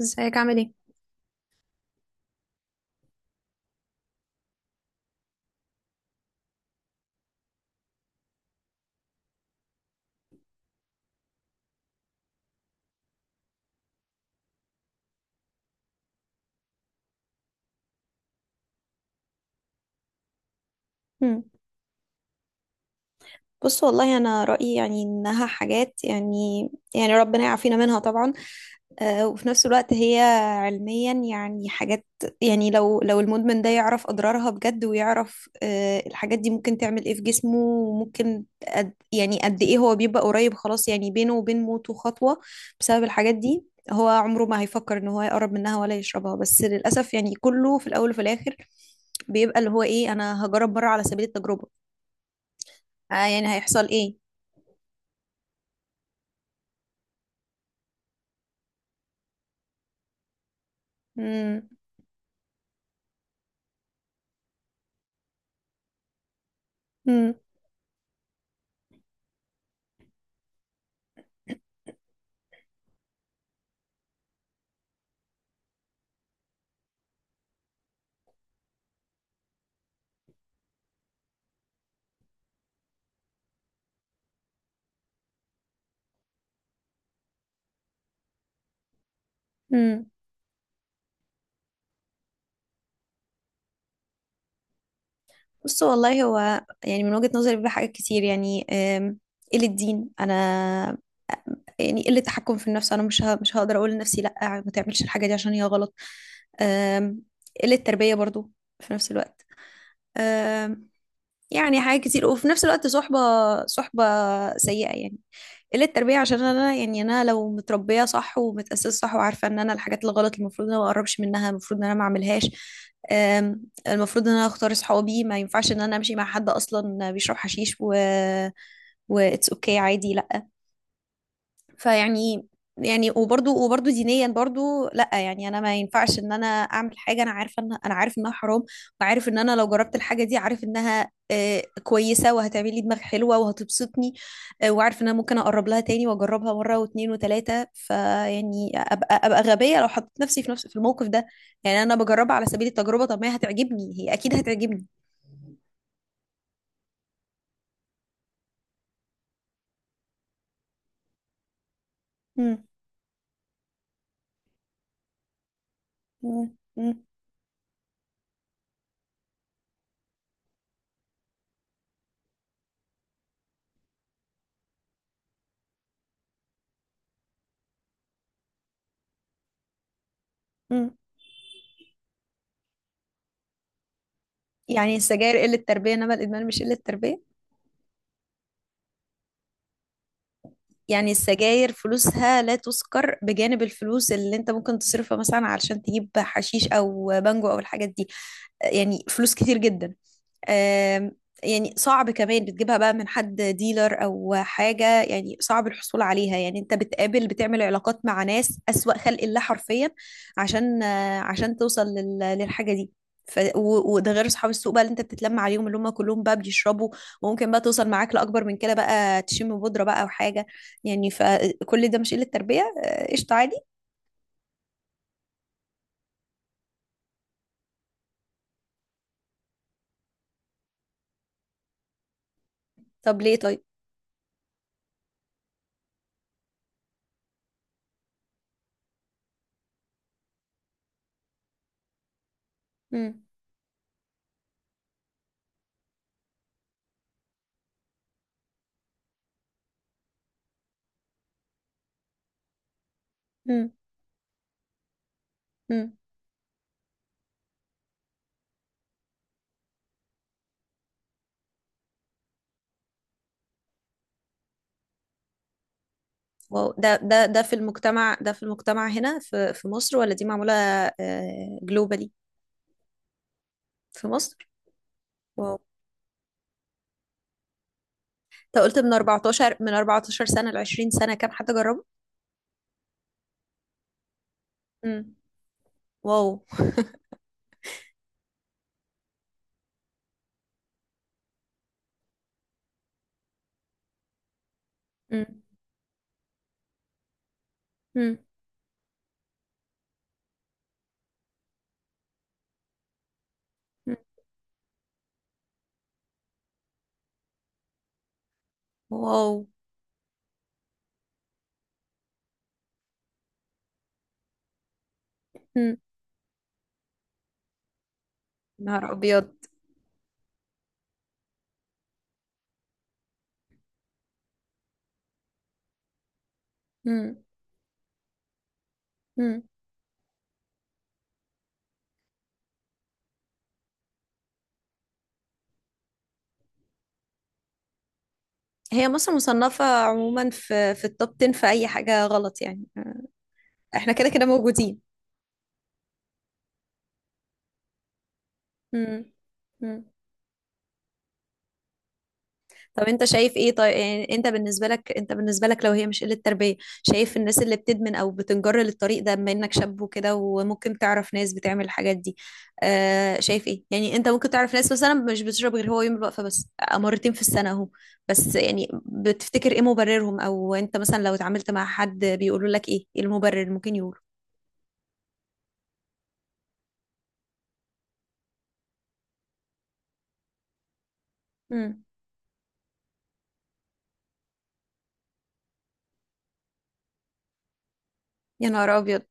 ازيك عامل ايه؟ مم. بص والله انا رايي، يعني انها حاجات يعني. يعني ربنا يعافينا منها طبعا. وفي نفس الوقت هي علميا يعني حاجات. يعني لو المدمن ده يعرف اضرارها بجد، ويعرف الحاجات دي ممكن تعمل ايه في جسمه، وممكن قد، يعني قد ايه هو بيبقى قريب، خلاص يعني بينه وبين موته خطوه بسبب الحاجات دي. هو عمره ما هيفكر ان هو يقرب منها ولا يشربها، بس للاسف يعني كله في الاول وفي الاخر بيبقى اللي هو ايه، انا هجرب مره على سبيل التجربه. يعني هيحصل ايه؟ مم. امم. امم. بص والله هو يعني من وجهة نظري بيبقى حاجات كتير يعني، قلة دين انا، يعني قلة تحكم في النفس. انا مش هقدر اقول لنفسي لا، ما تعملش الحاجة دي عشان هي غلط. آم، قلة تربية برضو في نفس الوقت. آم، يعني حاجات كتير، وفي نفس الوقت صحبة. صحبة سيئة يعني. قلة تربية عشان انا، يعني انا لو متربية صح ومتأسسة صح وعارفة ان انا الحاجات الغلط المفروض ان انا ما اقربش منها، المفروض ان انا ما اعملهاش. أم، المفروض ان انا اختار اصحابي. ما ينفعش ان انا امشي مع حد اصلا بيشرب حشيش و it's okay عادي، لا. فيعني، يعني وبرضو دينيا برضو لا، يعني انا ما ينفعش ان انا اعمل حاجه انا عارفه ان انا عارف انها حرام، وعارف ان انا لو جربت الحاجه دي عارف انها كويسه وهتعمل لي دماغ حلوه وهتبسطني، وعارف ان انا ممكن اقرب لها تاني واجربها مره واتنين وتلاته. فيعني ابقى غبيه لو حطيت نفسي في نفس الموقف ده. يعني انا بجربها على سبيل التجربه، طب ما هي هتعجبني، هي اكيد هتعجبني. مم. مم. مم. مم. يعني السجاير قله تربيه، انما الادمان مش قله تربيه. يعني السجاير فلوسها لا تذكر بجانب الفلوس اللي انت ممكن تصرفها مثلا علشان تجيب حشيش او بانجو او الحاجات دي. يعني فلوس كتير جدا. آم، يعني صعب كمان، بتجيبها بقى من حد ديلر او حاجه، يعني صعب الحصول عليها. يعني انت بتقابل، بتعمل علاقات مع ناس اسوأ خلق الله حرفيا عشان عشان توصل للحاجه دي. وده غير اصحاب السوق بقى اللي انت بتتلم عليهم اللي هم كلهم بقى بيشربوا. وممكن بقى توصل معاك لاكبر من كده، بقى تشم بودره بقى او حاجه. يعني فكل ده مش قله تربيه، قشطه عادي. طب ليه طيب؟ امم. واو، ده ده ده في المجتمع، ده في المجتمع هنا في مصر، ولا دي معمولة جلوبالي؟ في مصر؟ واو. انت قلت من 14، من 14 سنة ل 20 سنة كام حد جربه؟ امم. واو. امم. امم. أمم. واو. امم. نهار ابيض. امم. امم. هي مصر مصنفة عموما في التوب 10 في اي حاجة غلط يعني، احنا كده كده موجودين. امم. طب انت شايف ايه طيب؟ يعني انت بالنسبه لك، انت بالنسبه لك لو هي مش قله تربيه، شايف الناس اللي بتدمن او بتنجر للطريق ده، بما انك شاب وكده وممكن تعرف ناس بتعمل الحاجات دي، آه شايف ايه؟ يعني انت ممكن تعرف ناس مثلا مش بتشرب غير هو يوم الوقفه بس، مرتين في السنه اهو، بس يعني بتفتكر ايه مبررهم؟ او انت مثلا لو اتعاملت مع حد بيقولوا لك ايه، ايه المبرر ممكن يقوله؟ امم. يا نهار ابيض.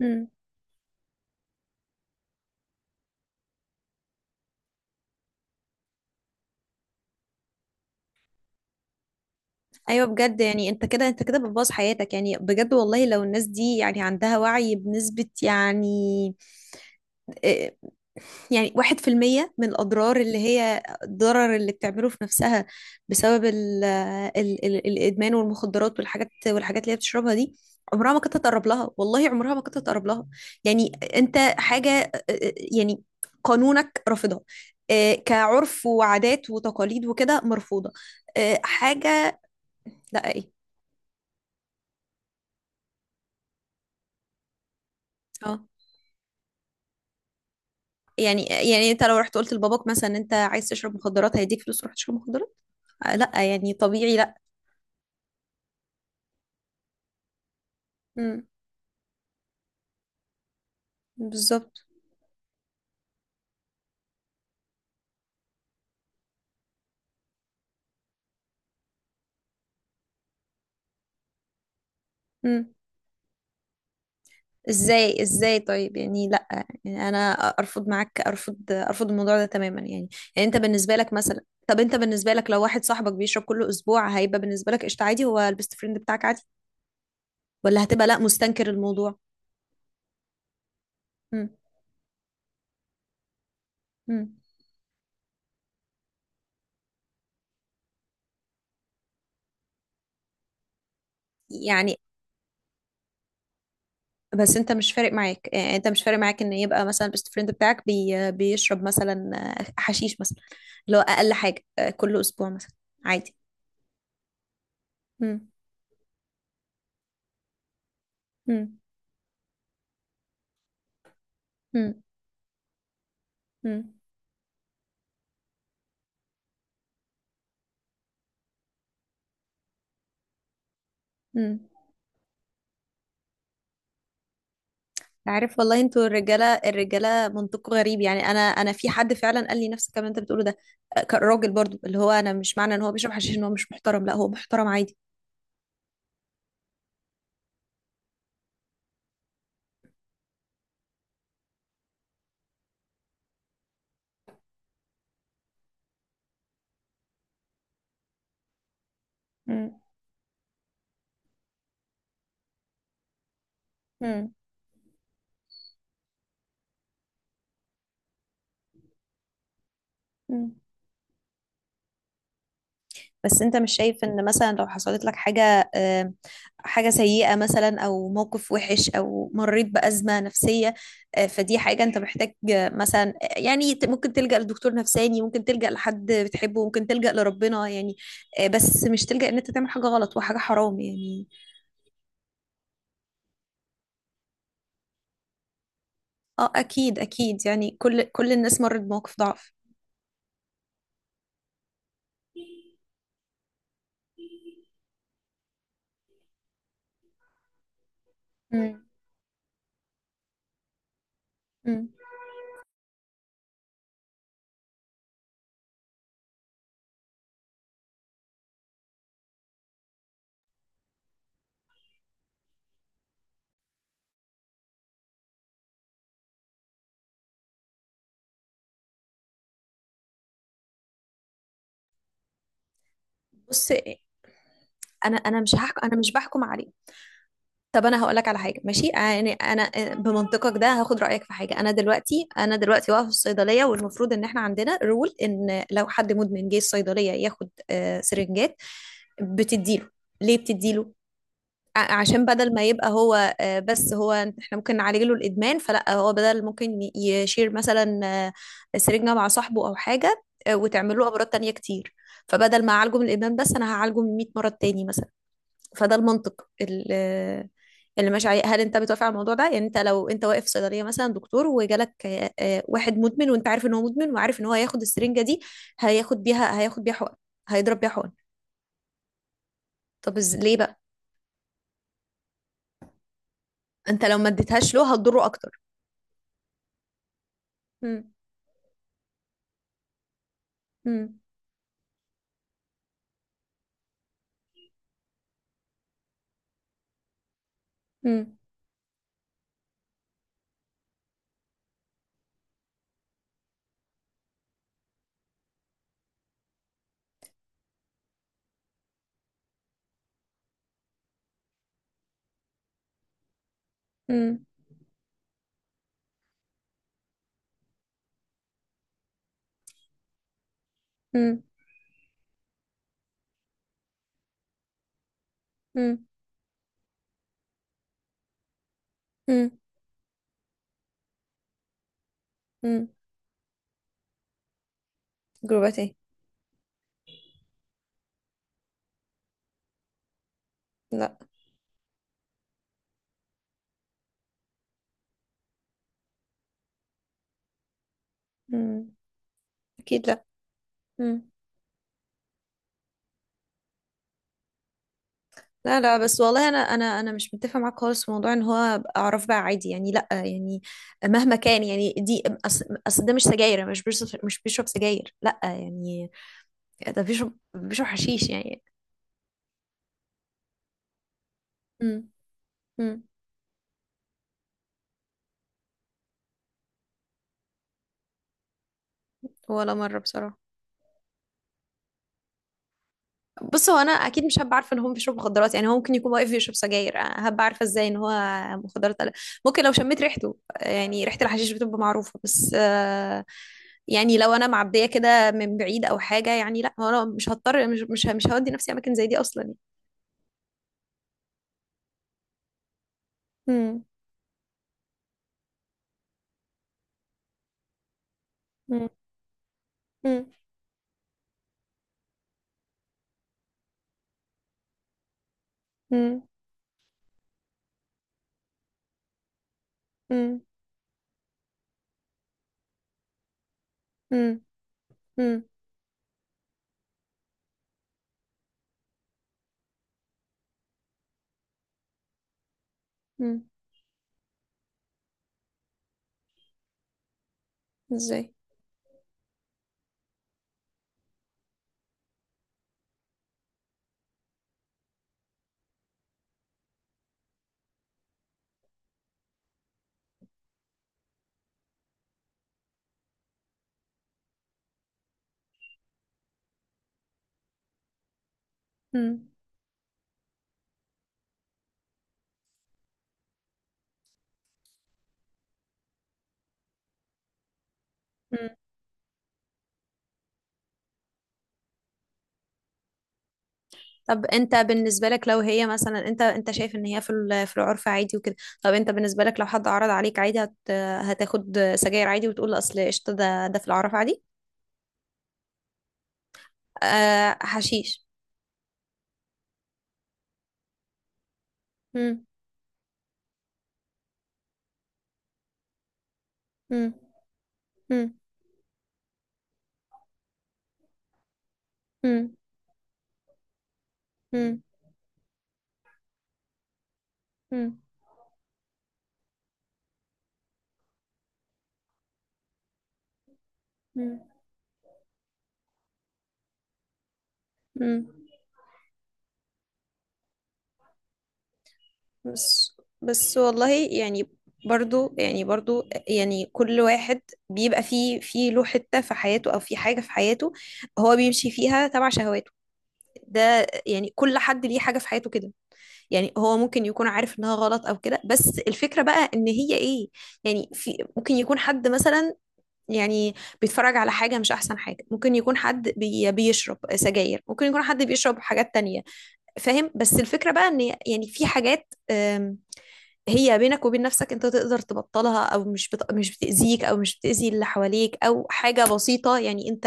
امم. ايوه بجد، يعني انت كده، انت كده بتبوظ حياتك يعني. بجد والله لو الناس دي يعني عندها وعي بنسبة يعني إيه، يعني 1% من الأضرار اللي هي الضرر اللي بتعمله في نفسها بسبب ال ال ال الإدمان والمخدرات والحاجات، والحاجات اللي هي بتشربها دي، عمرها ما كانت تقرب لها. والله عمرها ما كانت تقرب لها. يعني أنت حاجة يعني قانونك رافضها. كعرف وعادات وتقاليد وكده مرفوضة. حاجة، لا، ايه. اه. يعني، يعني انت لو رحت قلت لباباك مثلا إن انت عايز تشرب مخدرات هيديك فلوس تروح تشرب مخدرات؟ لا يعني طبيعي، لا. امم. بالظبط. امم. ازاي ازاي طيب؟ يعني لا، يعني انا ارفض معاك، ارفض الموضوع ده تماما يعني. يعني انت بالنسبه لك مثلا، طب انت بالنسبه لك لو واحد صاحبك بيشرب كل اسبوع، هيبقى بالنسبه لك قشطه عادي؟ هو البيست فريند بتاعك عادي؟ ولا هتبقى لا مستنكر الموضوع؟ امم. امم. يعني، بس انت مش فارق معاك؟ يعني انت مش فارق معاك ان يبقى مثلا البيست فريند بتاعك بيشرب مثلا حشيش مثلا، اللي هو اقل حاجه، كل اسبوع مثلا، عادي؟ مم. مم. مم. مم. مم. عارف والله، انتوا الرجاله، الرجاله منطقه غريب يعني. انا في حد فعلا قال لي نفس الكلام اللي انت بتقوله ده، كان راجل برضو، اللي هو انا مش معنى ان هو بيشرب حشيش ان هو مش محترم، لا هو محترم عادي. مم. مم. مم. بس انت مش شايف ان مثلا لو حصلت لك حاجة، حاجة سيئة مثلا او موقف وحش او مريت بأزمة نفسية، فدي حاجة انت محتاج مثلا يعني ممكن تلجأ لدكتور نفساني، ممكن تلجأ لحد بتحبه، ممكن تلجأ لربنا يعني، بس مش تلجأ ان انت تعمل حاجة غلط وحاجة حرام يعني. اه اكيد اكيد، يعني كل الناس مرت بموقف ضعف. مم. مم. بص، انا مش هحكم، انا مش بحكم عليك. طب انا هقول لك على حاجه ماشي، يعني انا بمنطقك ده هاخد رايك في حاجه. انا دلوقتي، انا دلوقتي واقفه في الصيدليه، والمفروض ان احنا عندنا رول ان لو حد مدمن جه الصيدليه ياخد سرنجات، بتديله. ليه بتديله؟ عشان بدل ما يبقى هو بس هو احنا ممكن نعالج له الادمان، فلا هو بدل ممكن يشير مثلا سرنجه مع صاحبه او حاجه، وتعمل له امراض تانية كتير. فبدل ما اعالجه من الادمان بس، انا هعالجه من 100 مرض تاني مثلا. فده المنطق اللي، اللي ماشي عليه. هل انت بتوافق على الموضوع ده؟ يعني انت لو انت واقف في صيدليه مثلا دكتور، وجالك واحد مدمن، وانت عارف ان هو مدمن، وعارف ان هو هياخد السرنجه دي هياخد بيها، هياخد بيها حقن، هيضرب بيها حقن. طب ليه بقى؟ انت لو ما اديتهاش له هتضره اكتر. مم. مم. مم. مم. مم. مم. مم. مم. جروبات ايه؟ لا. مم. اكيد لا. مم. لا لا، بس والله انا مش متفقه معاك خالص في موضوع ان هو أبقى اعرف بقى عادي، يعني لا يعني مهما كان يعني دي أصل ده مش سجاير، مش بيشرب، مش بيشرب سجاير، لا يعني، ده بيشرب، بيشرب حشيش يعني. امم. امم. ولا مره بصراحه. بص هو انا اكيد مش هبقى عارفه ان هو بيشرب مخدرات، يعني هو ممكن يكون واقف بيشرب سجاير، أنا هبقى عارفه ازاي ان هو مخدرات ولا لا؟ ممكن لو شميت ريحته، يعني ريحه الحشيش بتبقى معروفه، بس يعني لو انا معديه كده من بعيد او حاجه، يعني لا هو انا مش هضطر، مش هودي نفسي اماكن زي دي اصلا يعني. امم. امم. امم. امم. امم. امم. ازاي؟ امم. طب انت بالنسبة لك لو هي مثلا، انت شايف ان هي في العرف عادي وكده، طب انت بالنسبة لك لو حد عرض عليك عادي، هت، هتاخد سجاير عادي، وتقول اصل قشطة ده ده في العرف عادي؟ آه حشيش. مم. مم. مم. مم. مم. مم. مم. مم. بس والله، يعني برضو يعني برضو يعني كل واحد بيبقى فيه، في له حتة في حياته او في حاجة في حياته هو بيمشي فيها تبع شهواته. ده يعني كل حد ليه حاجة في حياته كده، يعني هو ممكن يكون عارف انها غلط او كده، بس الفكرة بقى ان هي ايه. يعني في ممكن يكون حد مثلا يعني بيتفرج على حاجة مش احسن حاجة، ممكن يكون حد بيشرب سجاير، ممكن يكون حد بيشرب حاجات تانية. فاهم؟ بس الفكرة بقى ان يعني في حاجات، هي بينك وبين نفسك انت تقدر تبطلها، او مش مش بتأذيك او مش بتأذي اللي حواليك، او حاجة بسيطة يعني انت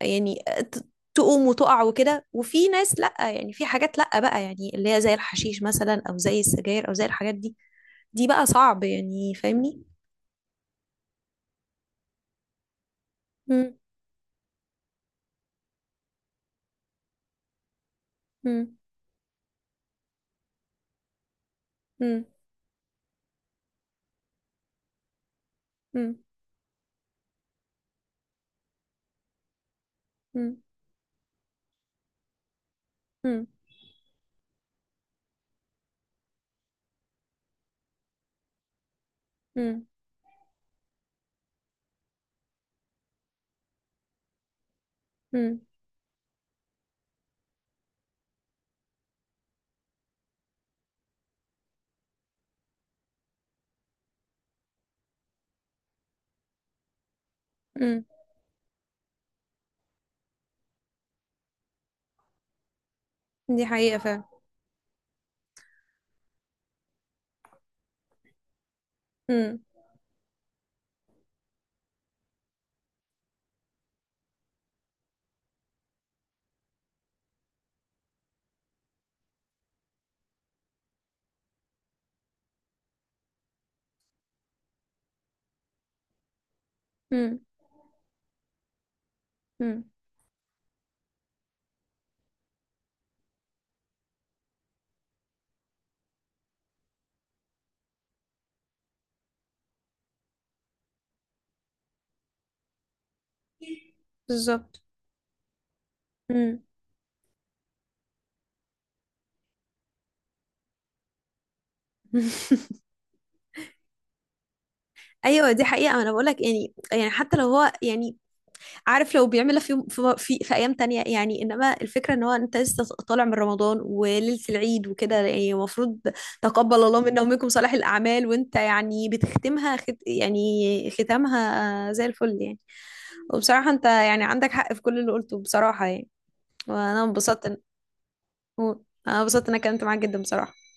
يعني تقوم وتقع وكده، وفي ناس لأ، يعني في حاجات لأ بقى يعني، اللي هي زي الحشيش مثلا أو زي السجاير أو زي الحاجات دي، دي بقى صعب يعني، فاهمني؟ مم. مم. مم. مم. مم. مم. مم. مم. مم. دي حقيقة فعلا. مم. مم. مم. بالظبط. مم. ايوه دي حقيقة. انا بقولك، يعني يعني حتى لو هو يعني عارف لو بيعملها في يوم في ايام تانية يعني، انما الفكرة ان هو انت لسه طالع من رمضان وليلة العيد وكده، يعني المفروض تقبل الله منا ومنكم صالح الاعمال، وانت يعني بتختمها خت، يعني ختامها زي الفل يعني. وبصراحة انت يعني عندك حق في كل اللي قلته بصراحة يعني. وانا انبسطت انا انبسطت إن انا اتكلمت معاك جدا بصراحة.